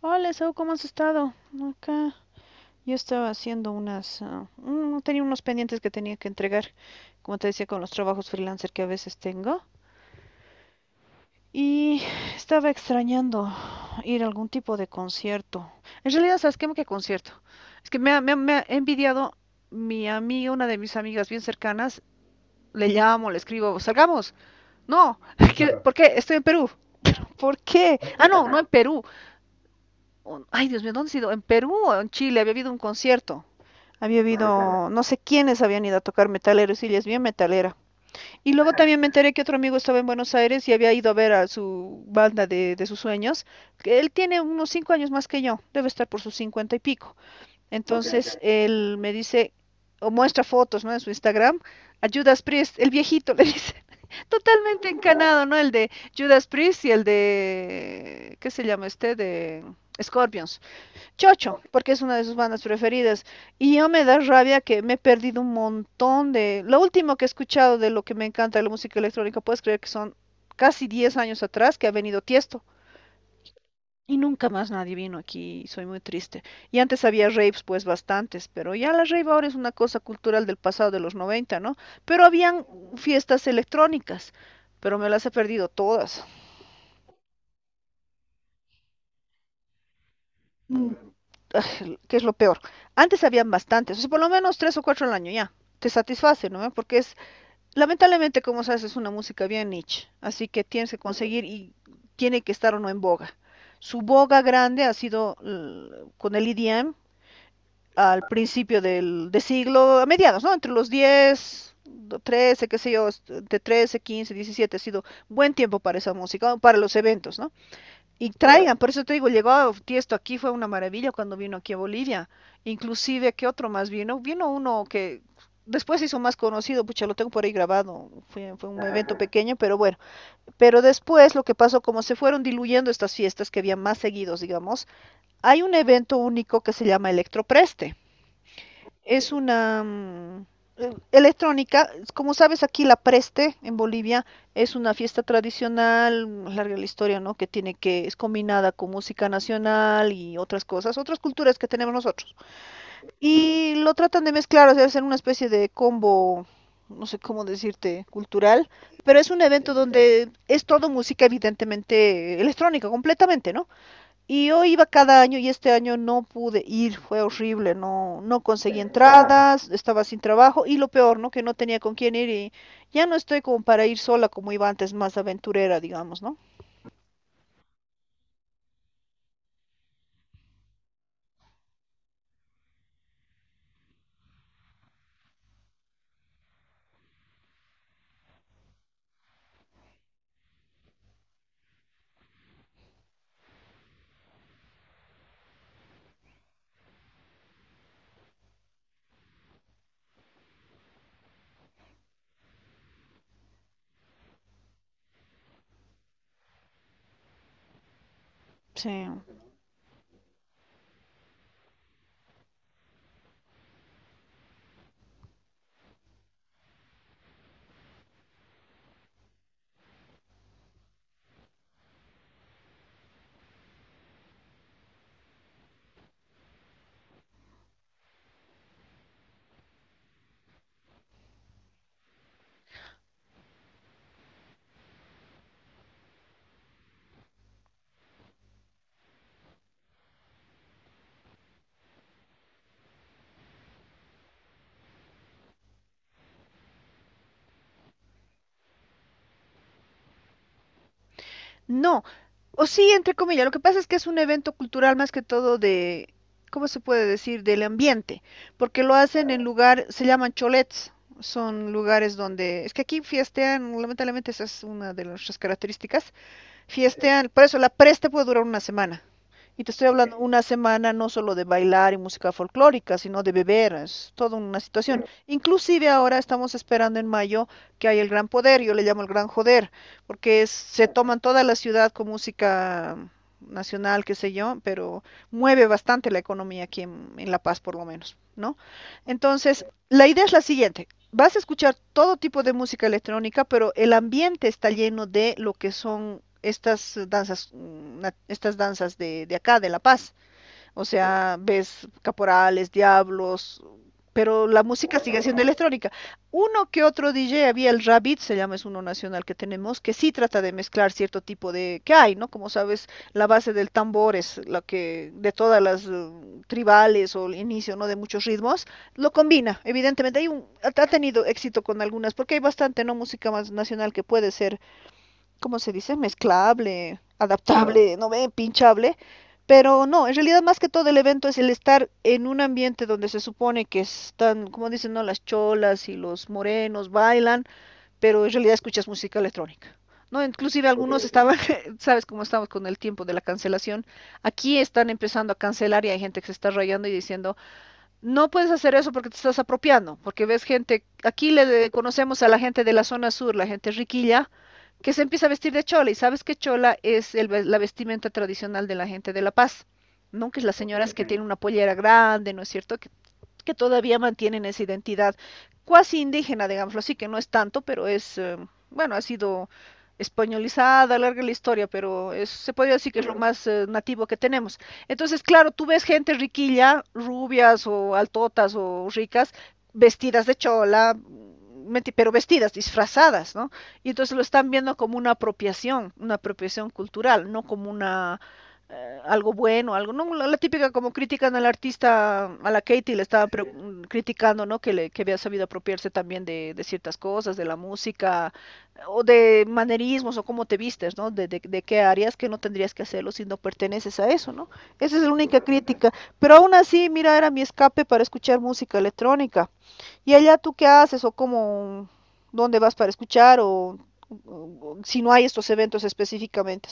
Hola, Sau, ¿cómo has estado? Acá yo estaba haciendo tenía unos pendientes que tenía que entregar, como te decía, con los trabajos freelancer que a veces tengo. Y estaba extrañando ir a algún tipo de concierto. En realidad, ¿sabes qué? ¿Qué concierto? Es que me ha envidiado mi amiga, una de mis amigas bien cercanas. Le llamo, le escribo, salgamos. No, Claro. ¿Por qué? Estoy en Perú. ¿Por qué? No, no en Perú. Ay, Dios mío, ¿dónde he ido? En Perú o en Chile había habido un concierto. Había habido, no sé quiénes habían ido a tocar metaleros y ella es bien metalera. Y luego también me enteré que otro amigo estaba en Buenos Aires y había ido a ver a su banda de sus sueños. Que él tiene unos 5 años más que yo, debe estar por sus 50 y pico. Entonces él me dice, o muestra fotos, ¿no? En su Instagram, a Judas Priest, el viejito, le dice. Totalmente encanado, ¿no? El de Judas Priest y el de, ¿qué se llama este? De Scorpions. Chocho, porque es una de sus bandas preferidas. Y yo me da rabia que me he perdido un montón de. Lo último que he escuchado de lo que me encanta de la música electrónica, puedes creer que son casi 10 años atrás que ha venido Tiesto. Y nunca más nadie vino aquí, soy muy triste. Y antes había raves, pues bastantes, pero ya la rave ahora es una cosa cultural del pasado de los 90, ¿no? Pero habían fiestas electrónicas, pero me las he perdido todas, que es lo peor. Antes habían bastantes, o sea, por lo menos tres o cuatro al año ya, te satisface, ¿no? Porque es Lamentablemente, como sabes, es una música bien niche, así que tienes que conseguir y tiene que estar o no en boga. Su boga grande ha sido con el EDM al principio del de siglo, a mediados, ¿no? Entre los 10, 13, qué sé yo, de 13, 15, 17, ha sido buen tiempo para esa música, o para los eventos, ¿no? Y traigan, por eso te digo, llegó a Tiesto aquí, fue una maravilla cuando vino aquí a Bolivia. Inclusive, ¿qué otro más vino? Vino uno que después se hizo más conocido, pucha, lo tengo por ahí grabado, fue un evento pequeño, pero bueno. Pero después lo que pasó, como se fueron diluyendo estas fiestas que había más seguidos, digamos, hay un evento único que se llama Electropreste. Es una electrónica, como sabes aquí la Preste en Bolivia es una fiesta tradicional, larga la historia, ¿no? Que tiene que es combinada con música nacional y otras cosas, otras culturas que tenemos nosotros. Y lo tratan de mezclar, o sea, hacer una especie de combo, no sé cómo decirte, cultural, pero es un evento donde es todo música evidentemente electrónica completamente, ¿no? Y yo iba cada año y este año no pude ir, fue horrible, no, no conseguí entradas, estaba sin trabajo y lo peor, ¿no? Que no tenía con quién ir y ya no estoy como para ir sola como iba antes, más aventurera, digamos, ¿no? Sí. No, o sí, entre comillas, lo que pasa es que es un evento cultural más que todo de, ¿cómo se puede decir? Del ambiente, porque lo hacen en lugar, se llaman cholets, son lugares donde, es que aquí fiestean, lamentablemente esa es una de nuestras características. Fiestean, por eso la preste puede durar una semana. Y te estoy hablando una semana no solo de bailar y música folclórica, sino de beber, es toda una situación. Inclusive ahora estamos esperando en mayo que hay el gran poder, yo le llamo el gran joder, porque se toman toda la ciudad con música nacional, qué sé yo, pero mueve bastante la economía aquí en La Paz por lo menos, ¿no? Entonces, la idea es la siguiente, vas a escuchar todo tipo de música electrónica, pero el ambiente está lleno de lo que son estas danzas, estas danzas de acá, de La Paz. O sea, ves caporales, diablos, pero la música sigue siendo electrónica. Uno que otro DJ, había el Rabbit, se llama, es uno nacional que tenemos, que sí trata de mezclar cierto tipo de, que hay, ¿no? Como sabes, la base del tambor es la que, de todas las tribales o el inicio, ¿no? De muchos ritmos, lo combina, evidentemente, hay un, ha ha tenido éxito con algunas, porque hay bastante, ¿no? Música más nacional que puede ser ¿cómo se dice? Mezclable, adaptable, no ve, pinchable. Pero no, en realidad más que todo el evento es el estar en un ambiente donde se supone que están, como dicen, no, las cholas y los morenos bailan, pero en realidad escuchas música electrónica. No, inclusive algunos estaban, sabes cómo estamos con el tiempo de la cancelación. Aquí están empezando a cancelar y hay gente que se está rayando y diciendo, no puedes hacer eso porque te estás apropiando, porque ves gente, aquí le conocemos a la gente de la zona sur, la gente riquilla, que se empieza a vestir de chola. Y sabes que chola es el la vestimenta tradicional de la gente de La Paz, ¿no? Que es las señoras que tienen una pollera grande, ¿no es cierto? Que todavía mantienen esa identidad cuasi indígena, digámoslo así, que no es tanto, pero es, bueno, ha sido españolizada, larga la historia, pero es, se podría decir que es lo más nativo que tenemos. Entonces, claro, tú ves gente riquilla, rubias o altotas o ricas, vestidas de chola, pero vestidas, disfrazadas, ¿no? Y entonces lo están viendo como una apropiación cultural, no como una algo bueno, algo, no, la típica como critican al artista, a la Katy le estaban criticando, ¿no? Que había sabido apropiarse también de ciertas cosas, de la música, o de manerismos, o cómo te vistes, ¿no? De qué áreas que no tendrías que hacerlo si no perteneces a eso, ¿no? Esa es la única crítica. Pero aún así, mira, era mi escape para escuchar música electrónica. ¿Y allá tú qué haces? ¿O cómo, dónde vas para escuchar? ¿O si no hay estos eventos específicamente?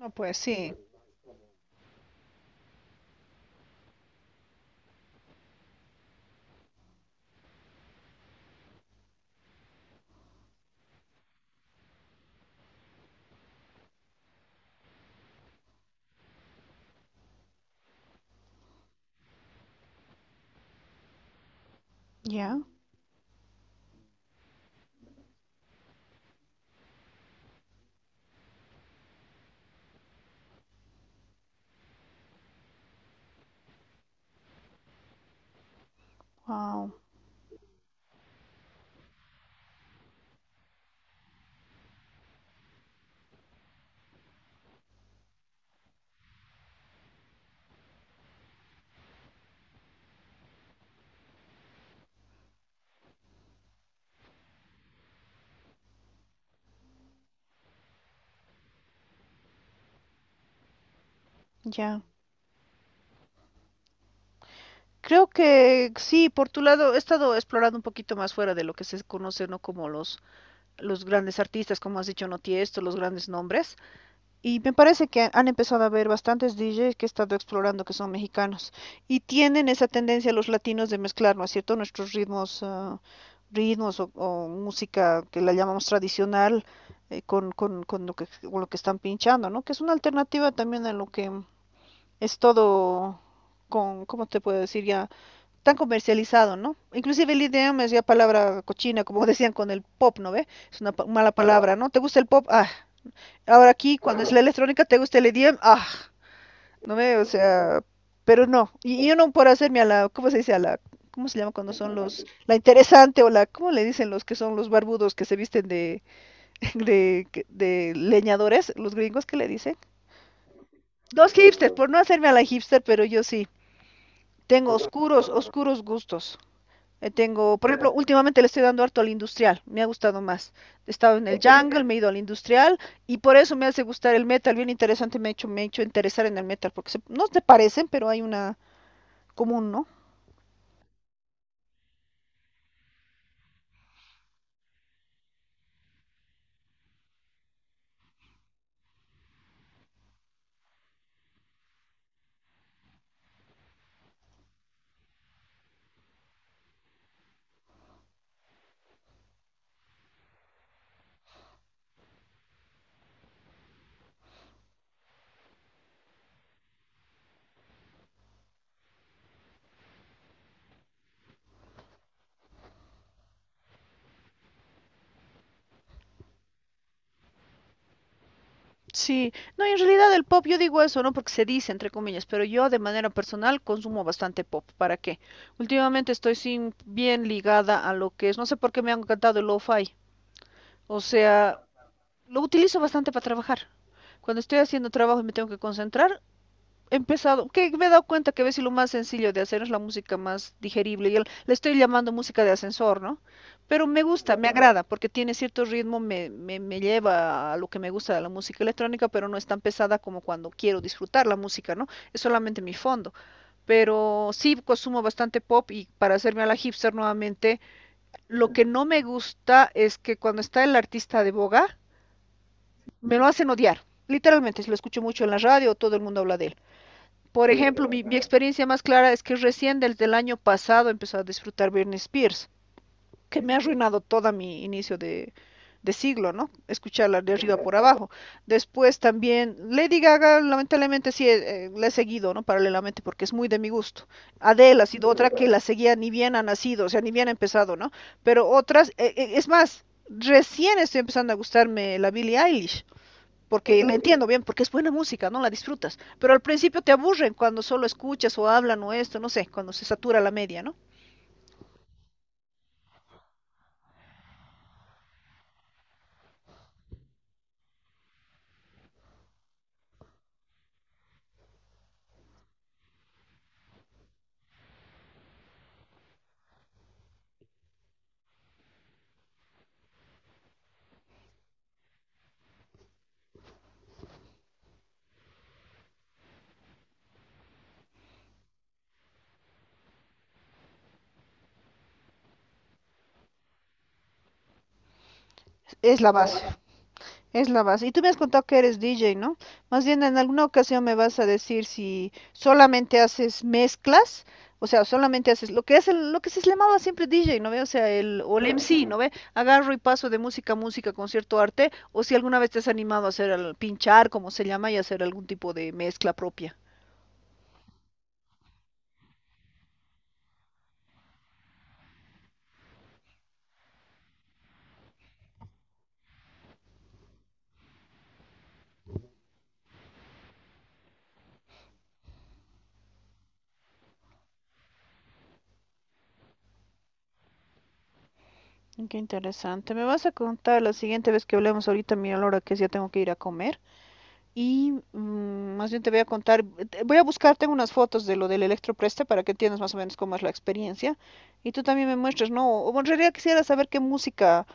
No, pues sí. ¿Ya? Wow, ya. Creo que sí, por tu lado, he estado explorando un poquito más fuera de lo que se conoce, ¿no? Como los grandes artistas, como has dicho, no Tiesto, los grandes nombres. Y me parece que han empezado a haber bastantes DJs que he estado explorando que son mexicanos. Y tienen esa tendencia los latinos de mezclar, ¿no es cierto? Nuestros ritmos, ritmos o música que la llamamos tradicional con lo que están pinchando, ¿no? Que es una alternativa también a lo que es todo con, ¿cómo te puedo decir? Ya tan comercializado, ¿no? Inclusive el idioma es ya palabra cochina, como decían con el pop, ¿no ve? Es una mala palabra, ¿no? ¿Te gusta el pop? Ah. Ahora aquí, cuando es la electrónica, ¿te gusta el idioma? Ah. ¿No ve? O sea, pero no. Y yo no por hacerme a la, ¿cómo se dice? A la, ¿cómo se llama cuando son la interesante o la, ¿cómo le dicen los que son los barbudos que se visten de, de leñadores? Los gringos, ¿qué le dicen? Los hipsters, por no hacerme a la hipster, pero yo sí. Tengo oscuros, oscuros gustos. Tengo, por ejemplo, últimamente le estoy dando harto al industrial, me ha gustado más. He estado en el jungle, me he ido al industrial y por eso me hace gustar el metal, bien interesante, me ha hecho interesar en el metal, porque no se parecen, pero hay una común, ¿no? Sí, no, y en realidad el pop, yo digo eso, ¿no? Porque se dice, entre comillas, pero yo de manera personal consumo bastante pop. ¿Para qué? Últimamente estoy sin, bien ligada a lo que es, no sé por qué me ha encantado el lo-fi. O sea, lo utilizo bastante para trabajar. Cuando estoy haciendo trabajo y me tengo que concentrar, he empezado, que me he dado cuenta que a veces lo más sencillo de hacer es la música más digerible. Y le estoy llamando música de ascensor, ¿no? Pero me gusta, me agrada, porque tiene cierto ritmo, me lleva a lo que me gusta de la música electrónica, pero no es tan pesada como cuando quiero disfrutar la música, ¿no? Es solamente mi fondo. Pero sí consumo bastante pop y para hacerme a la hipster nuevamente, lo que no me gusta es que cuando está el artista de boga, me lo hacen odiar. Literalmente, si lo escucho mucho en la radio, todo el mundo habla de él. Por ejemplo, mi experiencia más clara es que recién desde el año pasado empezó a disfrutar Britney Spears, que me ha arruinado todo mi inicio de siglo, ¿no? Escucharla de arriba por abajo. Después también Lady Gaga, lamentablemente sí, la he seguido, ¿no? Paralelamente, porque es muy de mi gusto. Adele ha sido otra que la seguía ni bien ha nacido, o sea, ni bien ha empezado, ¿no? Pero otras, es más, recién estoy empezando a gustarme la Billie Eilish porque me entiendo bien, porque es buena música, ¿no? La disfrutas, pero al principio te aburren cuando solo escuchas o hablan o esto, no sé, cuando se satura la media, ¿no? Es la base, es la base. Y tú me has contado que eres DJ, ¿no? Más bien en alguna ocasión me vas a decir si solamente haces mezclas, o sea, solamente haces lo que es lo que se llamaba siempre DJ, ¿no ve? O sea, el o el MC, ¿no ve? Agarro y paso de música a música, concierto a arte, o si alguna vez te has animado a hacer el pinchar, como se llama, y hacer algún tipo de mezcla propia. Qué interesante. Me vas a contar la siguiente vez que hablemos ahorita, mira la hora que es, ya tengo que ir a comer. Y, más bien te voy a contar, voy a buscar, tengo unas fotos de lo del electropreste para que entiendas más o menos cómo es la experiencia. Y tú también me muestres, ¿no? O en realidad quisiera saber qué música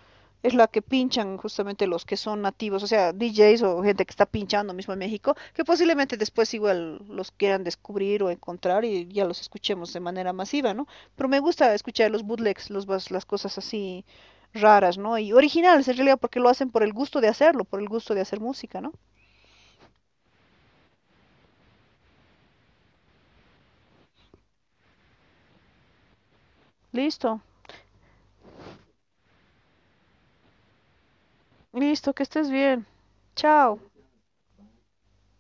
es la que pinchan justamente los que son nativos, o sea, DJs o gente que está pinchando mismo en México, que posiblemente después igual los quieran descubrir o encontrar y ya los escuchemos de manera masiva, ¿no? Pero me gusta escuchar los bootlegs, las cosas así raras, ¿no? Y originales en realidad porque lo hacen por el gusto de hacerlo, por el gusto de hacer música, ¿no? Listo. Listo, que estés bien. Chao.